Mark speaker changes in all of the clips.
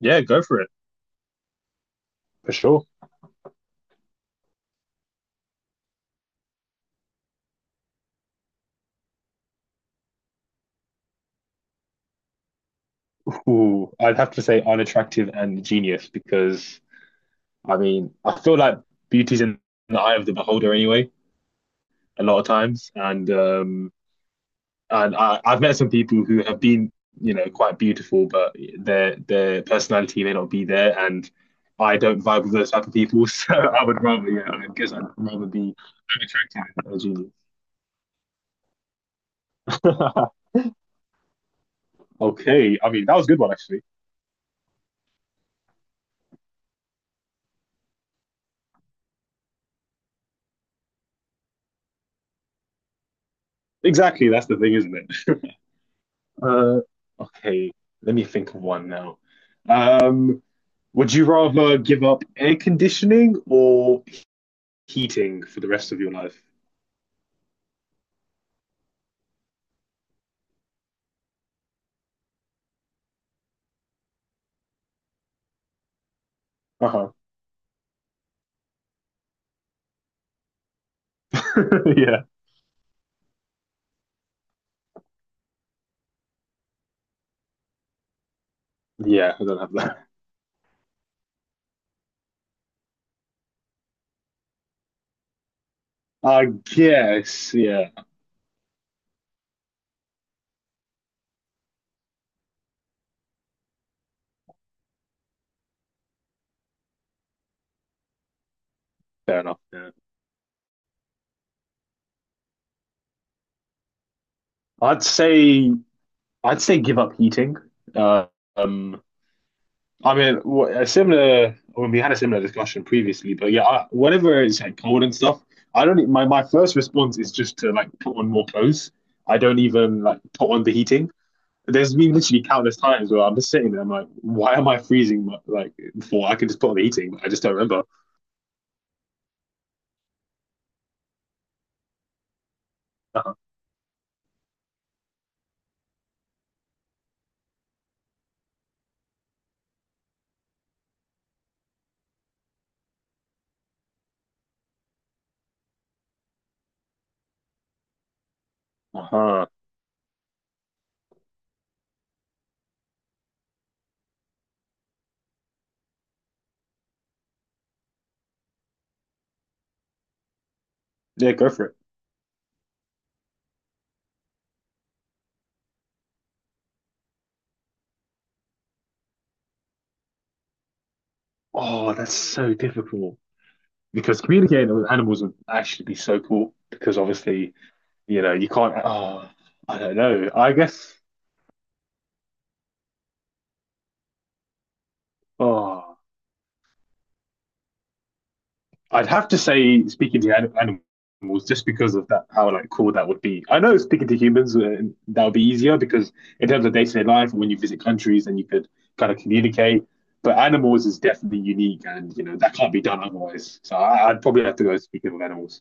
Speaker 1: Yeah, go for it. For sure. Ooh, I'd have to say unattractive and genius because I feel like beauty's in the eye of the beholder anyway a lot of times and I've met some people who have been quite beautiful but their personality may not be there and I don't vibe with those type of people so I would rather yeah I guess I'd rather be unattractive than a genius. Okay, that was a good one actually. Exactly, that's the thing, isn't it? Uh, okay, let me think of one now. Um, would you rather give up air conditioning or heating for the rest of your life? Uh-huh. Yeah. Yeah, I don't have that. I guess, yeah, fair enough. Yeah. I'd say I'd say give up heating. Uh, um, I mean, wh- a similar. When we had a similar discussion previously, but yeah, I, whenever it's like cold and stuff, I don't. E- My first response is just to like put on more clothes. I don't even like put on the heating. There's been literally countless times where I'm just sitting there. I'm like, why am I freezing? Like, before I can just put on the heating, but I just don't remember. Uh-huh. Uh-huh. Yeah, go for it. Oh, that's so difficult because communicating with animals would actually be so cool because obviously, you can't. Oh, I don't know. I guess. Oh. I'd have to say speaking to animals just because of that, how like cool that would be. I know speaking to humans that would be easier because in terms of day to day life, when you visit countries and you could kind of communicate. But animals is definitely unique, and you know that can't be done otherwise. So I'd probably have to go speaking with animals.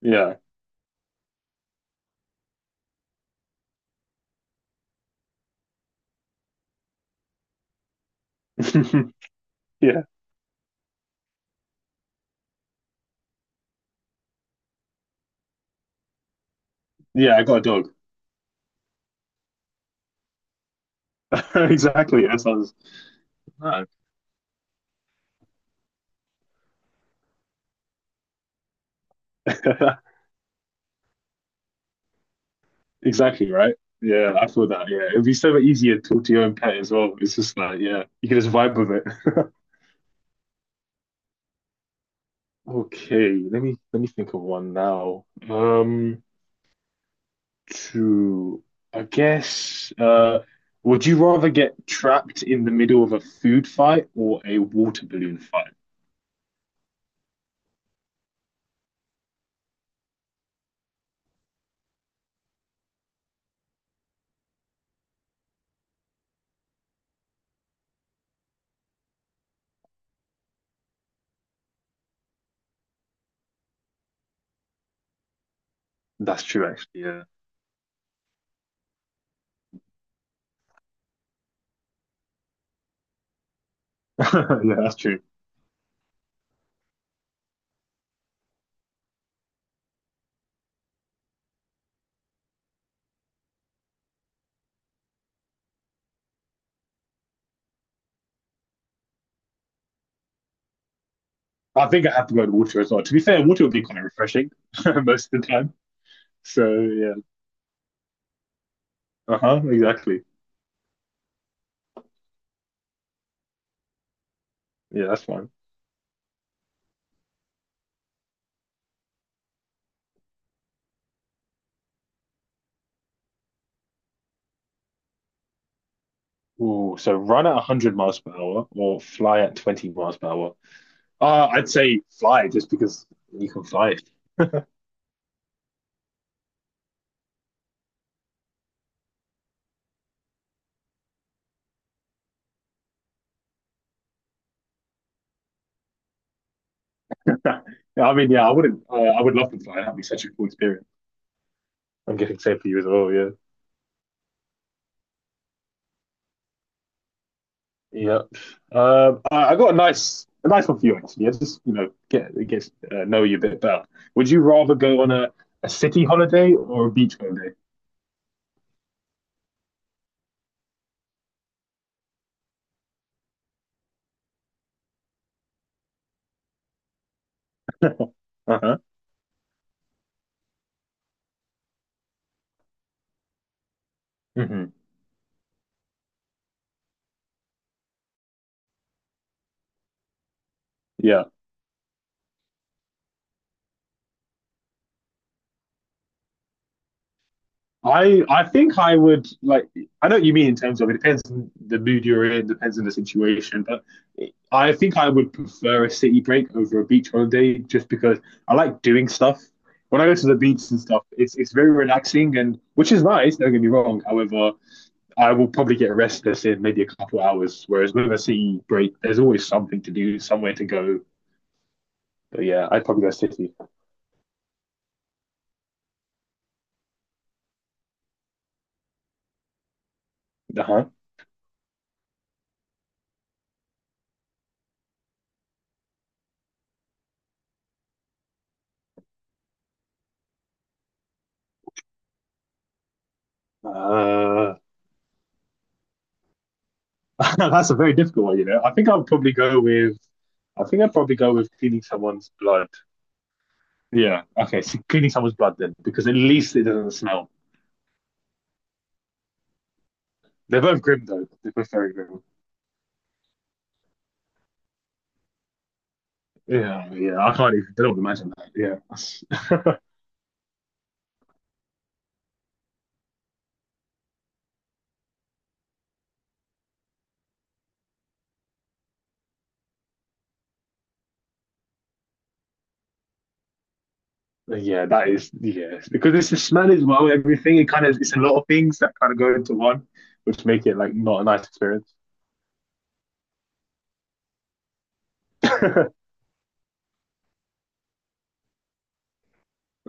Speaker 1: Yeah, yeah, yeah. I got a dog. Exactly. That sounds no. Exactly right. Yeah, I feel that. Yeah, it'd be so much easier to talk to your own pet as well. It's just like, yeah, you can just vibe with it. Okay, let me think of one now. To I guess would you rather get trapped in the middle of a food fight or a water balloon fight? That's true actually, yeah. Yeah, that's true. I think I have to go to water as well. To be fair, water would be kind of refreshing most of the time. So yeah. Uh-huh, exactly. Yeah, that's fine. Ooh, so run at 100 miles per hour or fly at 20 miles per hour. I'd say fly just because you can fly. Yeah, I mean, yeah, I wouldn't. I would love to fly. That'd be such a cool experience. I'm getting same for you as well. Yeah, yeah. I got a nice one for you actually. Yeah, just you know, get know you a bit better. Would you rather go on a city holiday or a beach holiday? Uh-huh. Hmm. Yeah. I think I would like, I know what you mean in terms of it depends on the mood you're in, depends on the situation, but I think I would prefer a city break over a beach holiday just because I like doing stuff. When I go to the beach and stuff, it's very relaxing and which is nice, don't get me wrong. However, I will probably get restless in maybe a couple hours, whereas with a city break, there's always something to do, somewhere to go. But yeah, I'd probably go city. Uh-huh. Uh That's a very difficult one, you know. I think I'd probably go with cleaning someone's blood. Yeah. Okay. So cleaning someone's blood then, because at least it doesn't smell. They're both grim though. They're both very grim. Yeah. Yeah. I can't even. I don't imagine that. Yeah. yeah. That is. Yeah. Because it's the smell as well. Everything. It kind of. It's a lot of things that kind of go into one, which make it like not a nice experience.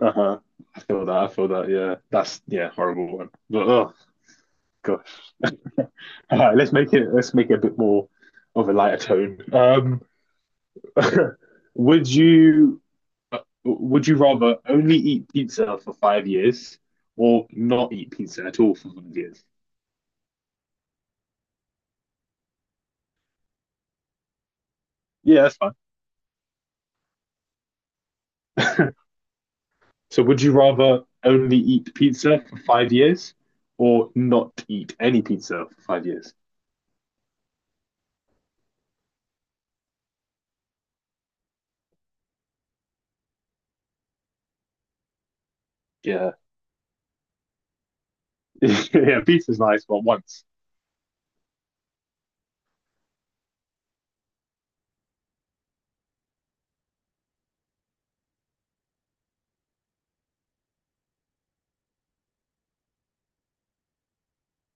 Speaker 1: Uh-huh. I feel that. I feel that. Yeah. That's yeah. Horrible one. But oh, all right, let's make it a bit more of a lighter tone. Would you would you rather only eat pizza for 5 years or not eat pizza at all for 5 years? Yeah, that's fine. So would you rather only eat pizza for 5 years or not eat any pizza for 5 years? Yeah. Yeah, pizza's nice, but once.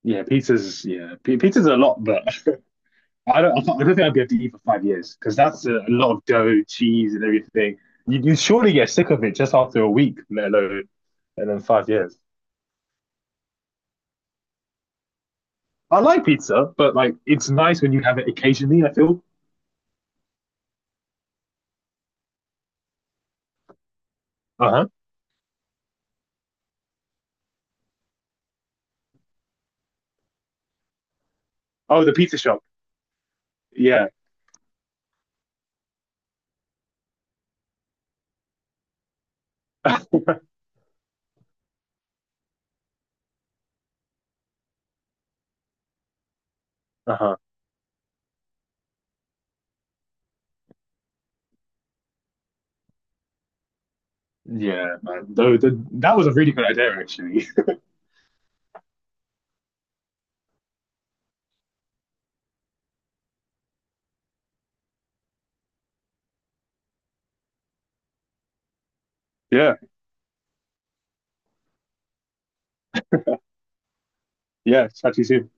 Speaker 1: Yeah, pizza's a lot, but I don't think I'd be able to eat for 5 years because that's a lot of dough, cheese, and everything. You surely get sick of it just after a week, let alone and then 5 years. I like pizza, but like it's nice when you have it occasionally. I feel. Uh huh. Oh, the pizza shop. Yeah. Uh huh. Yeah, man. Though the, that was a really good idea, actually. Yeah. Yeah. Chat to you soon.